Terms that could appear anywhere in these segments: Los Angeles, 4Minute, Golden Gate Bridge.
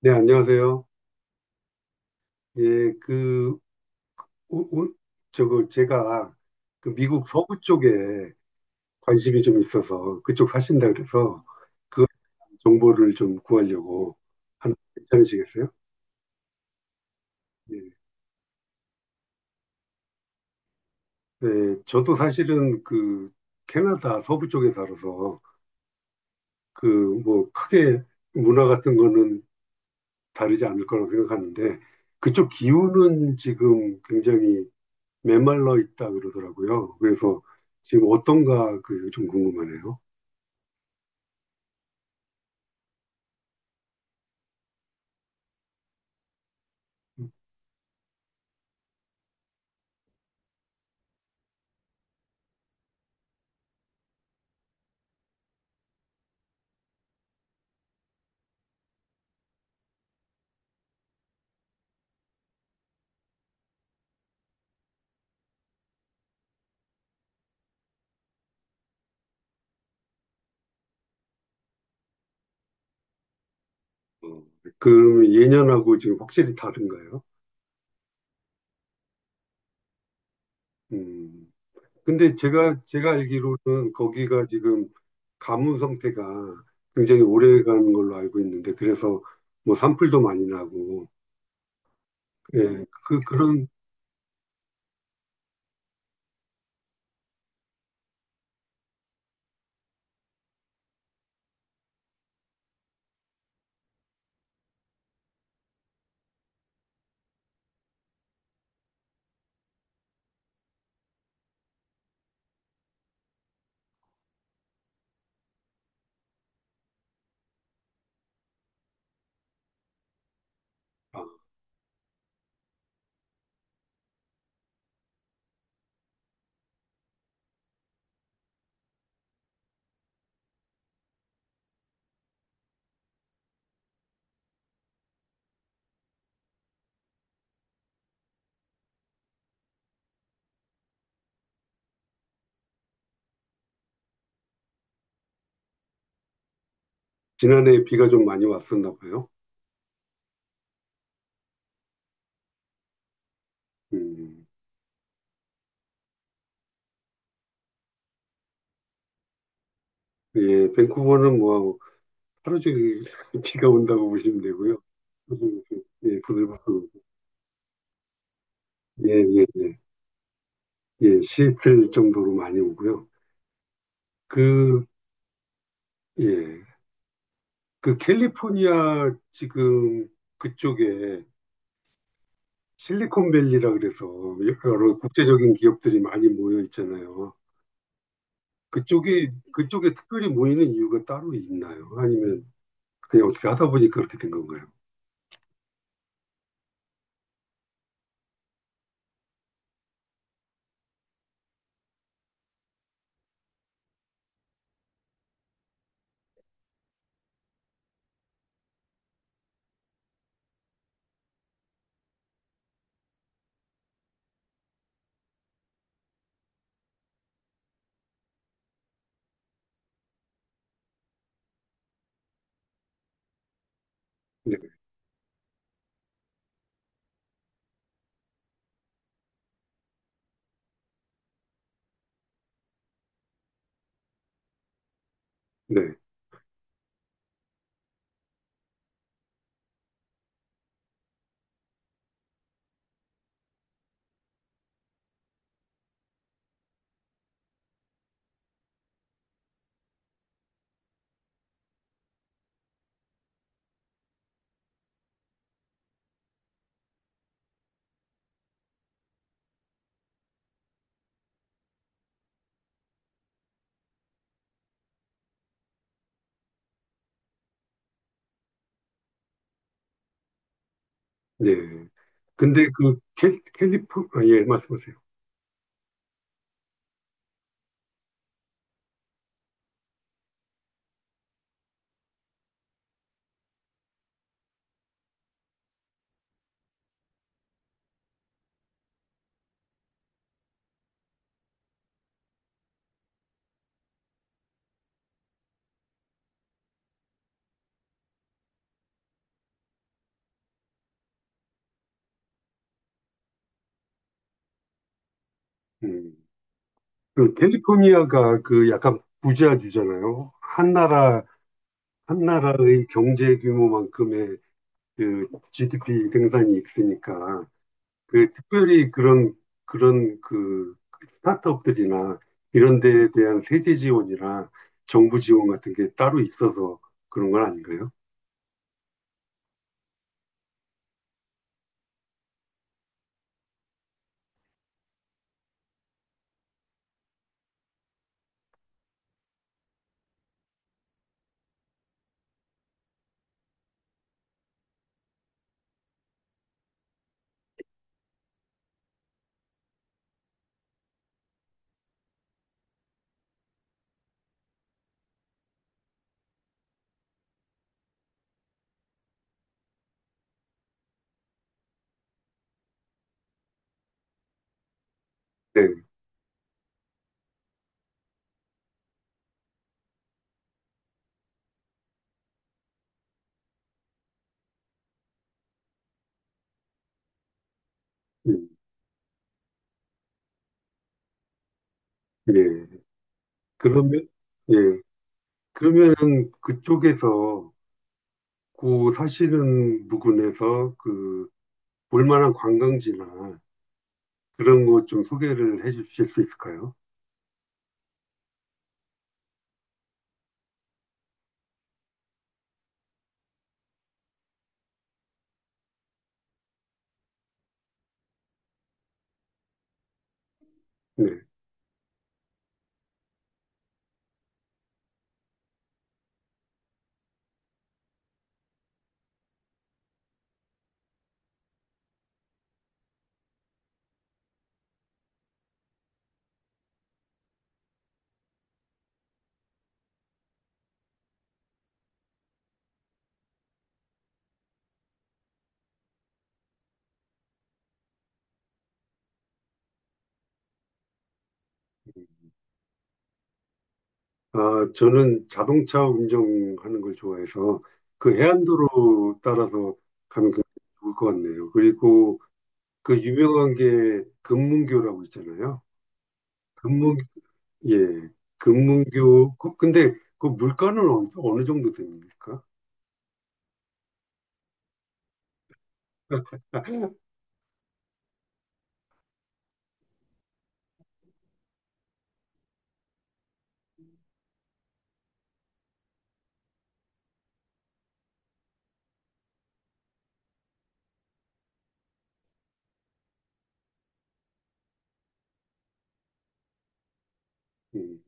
네, 안녕하세요. 예, 그, 오, 오, 저거, 제가 그 미국 서부 쪽에 관심이 좀 있어서 그쪽 사신다 그래서 정보를 좀 구하려고 하는 괜찮으시겠어요? 예. 네, 저도 사실은 그 캐나다 서부 쪽에 살아서 그 뭐 크게 문화 같은 거는 다르지 않을 거라고 생각하는데 그쪽 기후는 지금 굉장히 메말라 있다 그러더라고요. 그래서 지금 어떤가 그 좀 궁금하네요. 어, 그러면 예년하고 지금 확실히 다른가요? 음. 근데 제가 알기로는 거기가 지금 가뭄 상태가 굉장히 오래 가는 걸로 알고 있는데, 그래서 뭐 산불도 많이 나고, 예, 그, 그런, 아, 지난해 비가 좀 많이 왔었나 봐요. 음. 예, 밴쿠버는 뭐 하루 종일 비가 온다고 보시면 되고요. 부슬부슬, 예, 부슬부슬, 예, 예, 예, 예, 시애틀 정도로 많이 오고요. 그, 예. 그 캘리포니아 지금 그쪽에 실리콘밸리라 그래서 여러 국제적인 기업들이 많이 모여 있잖아요. 그쪽이 그쪽에 특별히 모이는 이유가 따로 있나요? 아니면 그냥 어떻게 하다 보니까 그렇게 된 건가요? 네, 네, 네. 근데 그 캘, 캘리포 아, 예 말씀하세요. 음. 그 캘리포니아가 그 약간 부자주잖아요. 한 나라 한 나라의 경제 규모만큼의 그 GDP 생산이 있으니까 그 특별히 그런 그 스타트업들이나 이런 데에 대한 세제 지원이나 정부 지원 같은 게 따로 있어서 그런 건 아닌가요? 네. 음, 예. 그러면 예. 그러면은 그쪽에서 그 사시는 부근에서 그 볼만한 관광지나 그런 거 좀 소개를 해 주실 수 있을까요? 네. 아, 저는 자동차 운전하는 걸 좋아해서 그 해안도로 따라서 가면 굉장히 좋을 것 같네요. 그리고 그 유명한 게 금문교라고 있잖아요. 금문, 예, 금문교. 그- 근데 그 물가는 어, 어느 정도 됩니까? 음,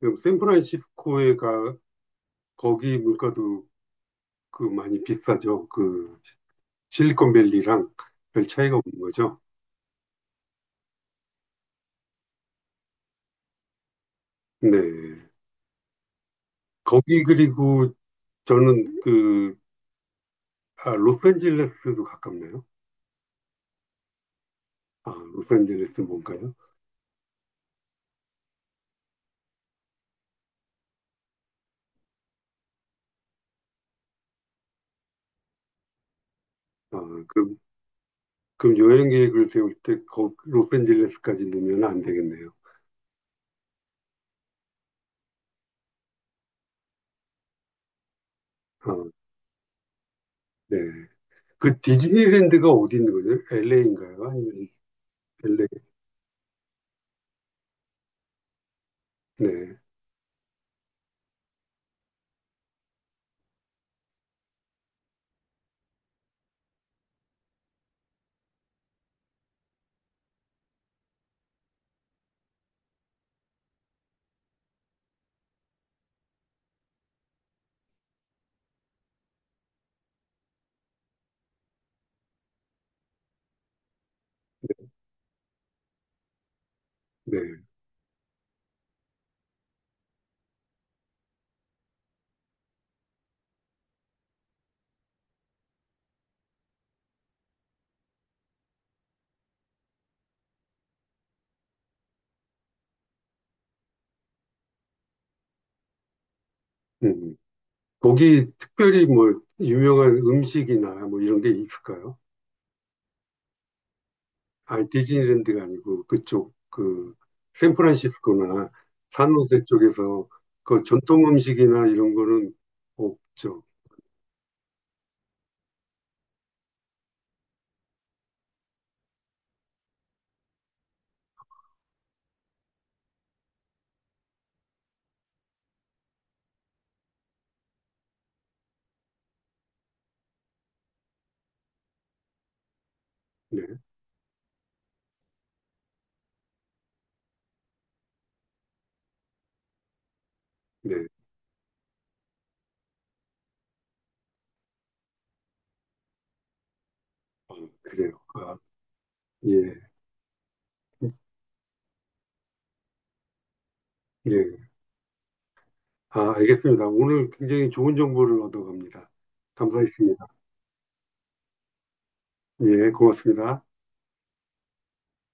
그럼 샌프란시스코에 가, 거기 물가도 그 많이 비싸죠. 그 실리콘밸리랑 별 차이가 없는 거죠. 네. 거기 그리고 저는 그 아, 로스앤젤레스도 가깝네요. 아, 로스앤젤레스 뭔가요? 아, 그럼, 그럼 여행 계획을 세울 때 거, 로스앤젤레스까지 넣으면 안 되겠네요. 아, 네. 그 디즈니랜드가 어디 있는 거죠? LA인가요? 아니면 엘에이? 네, 네. 음. 음. 거기 특별히 뭐 유명한 음식이나 뭐 이런 게 있을까요? 아, 디즈니랜드가 아니고 그쪽 그 샌프란시스코나 산호세 쪽에서 그 전통 음식이나 이런 거는 없죠. 네, 네. 아, 그래요. 아, 예. 예. 아, 알겠습니다. 오늘 굉장히 좋은 정보를 얻어갑니다. 감사했습니다. 예, 고맙습니다.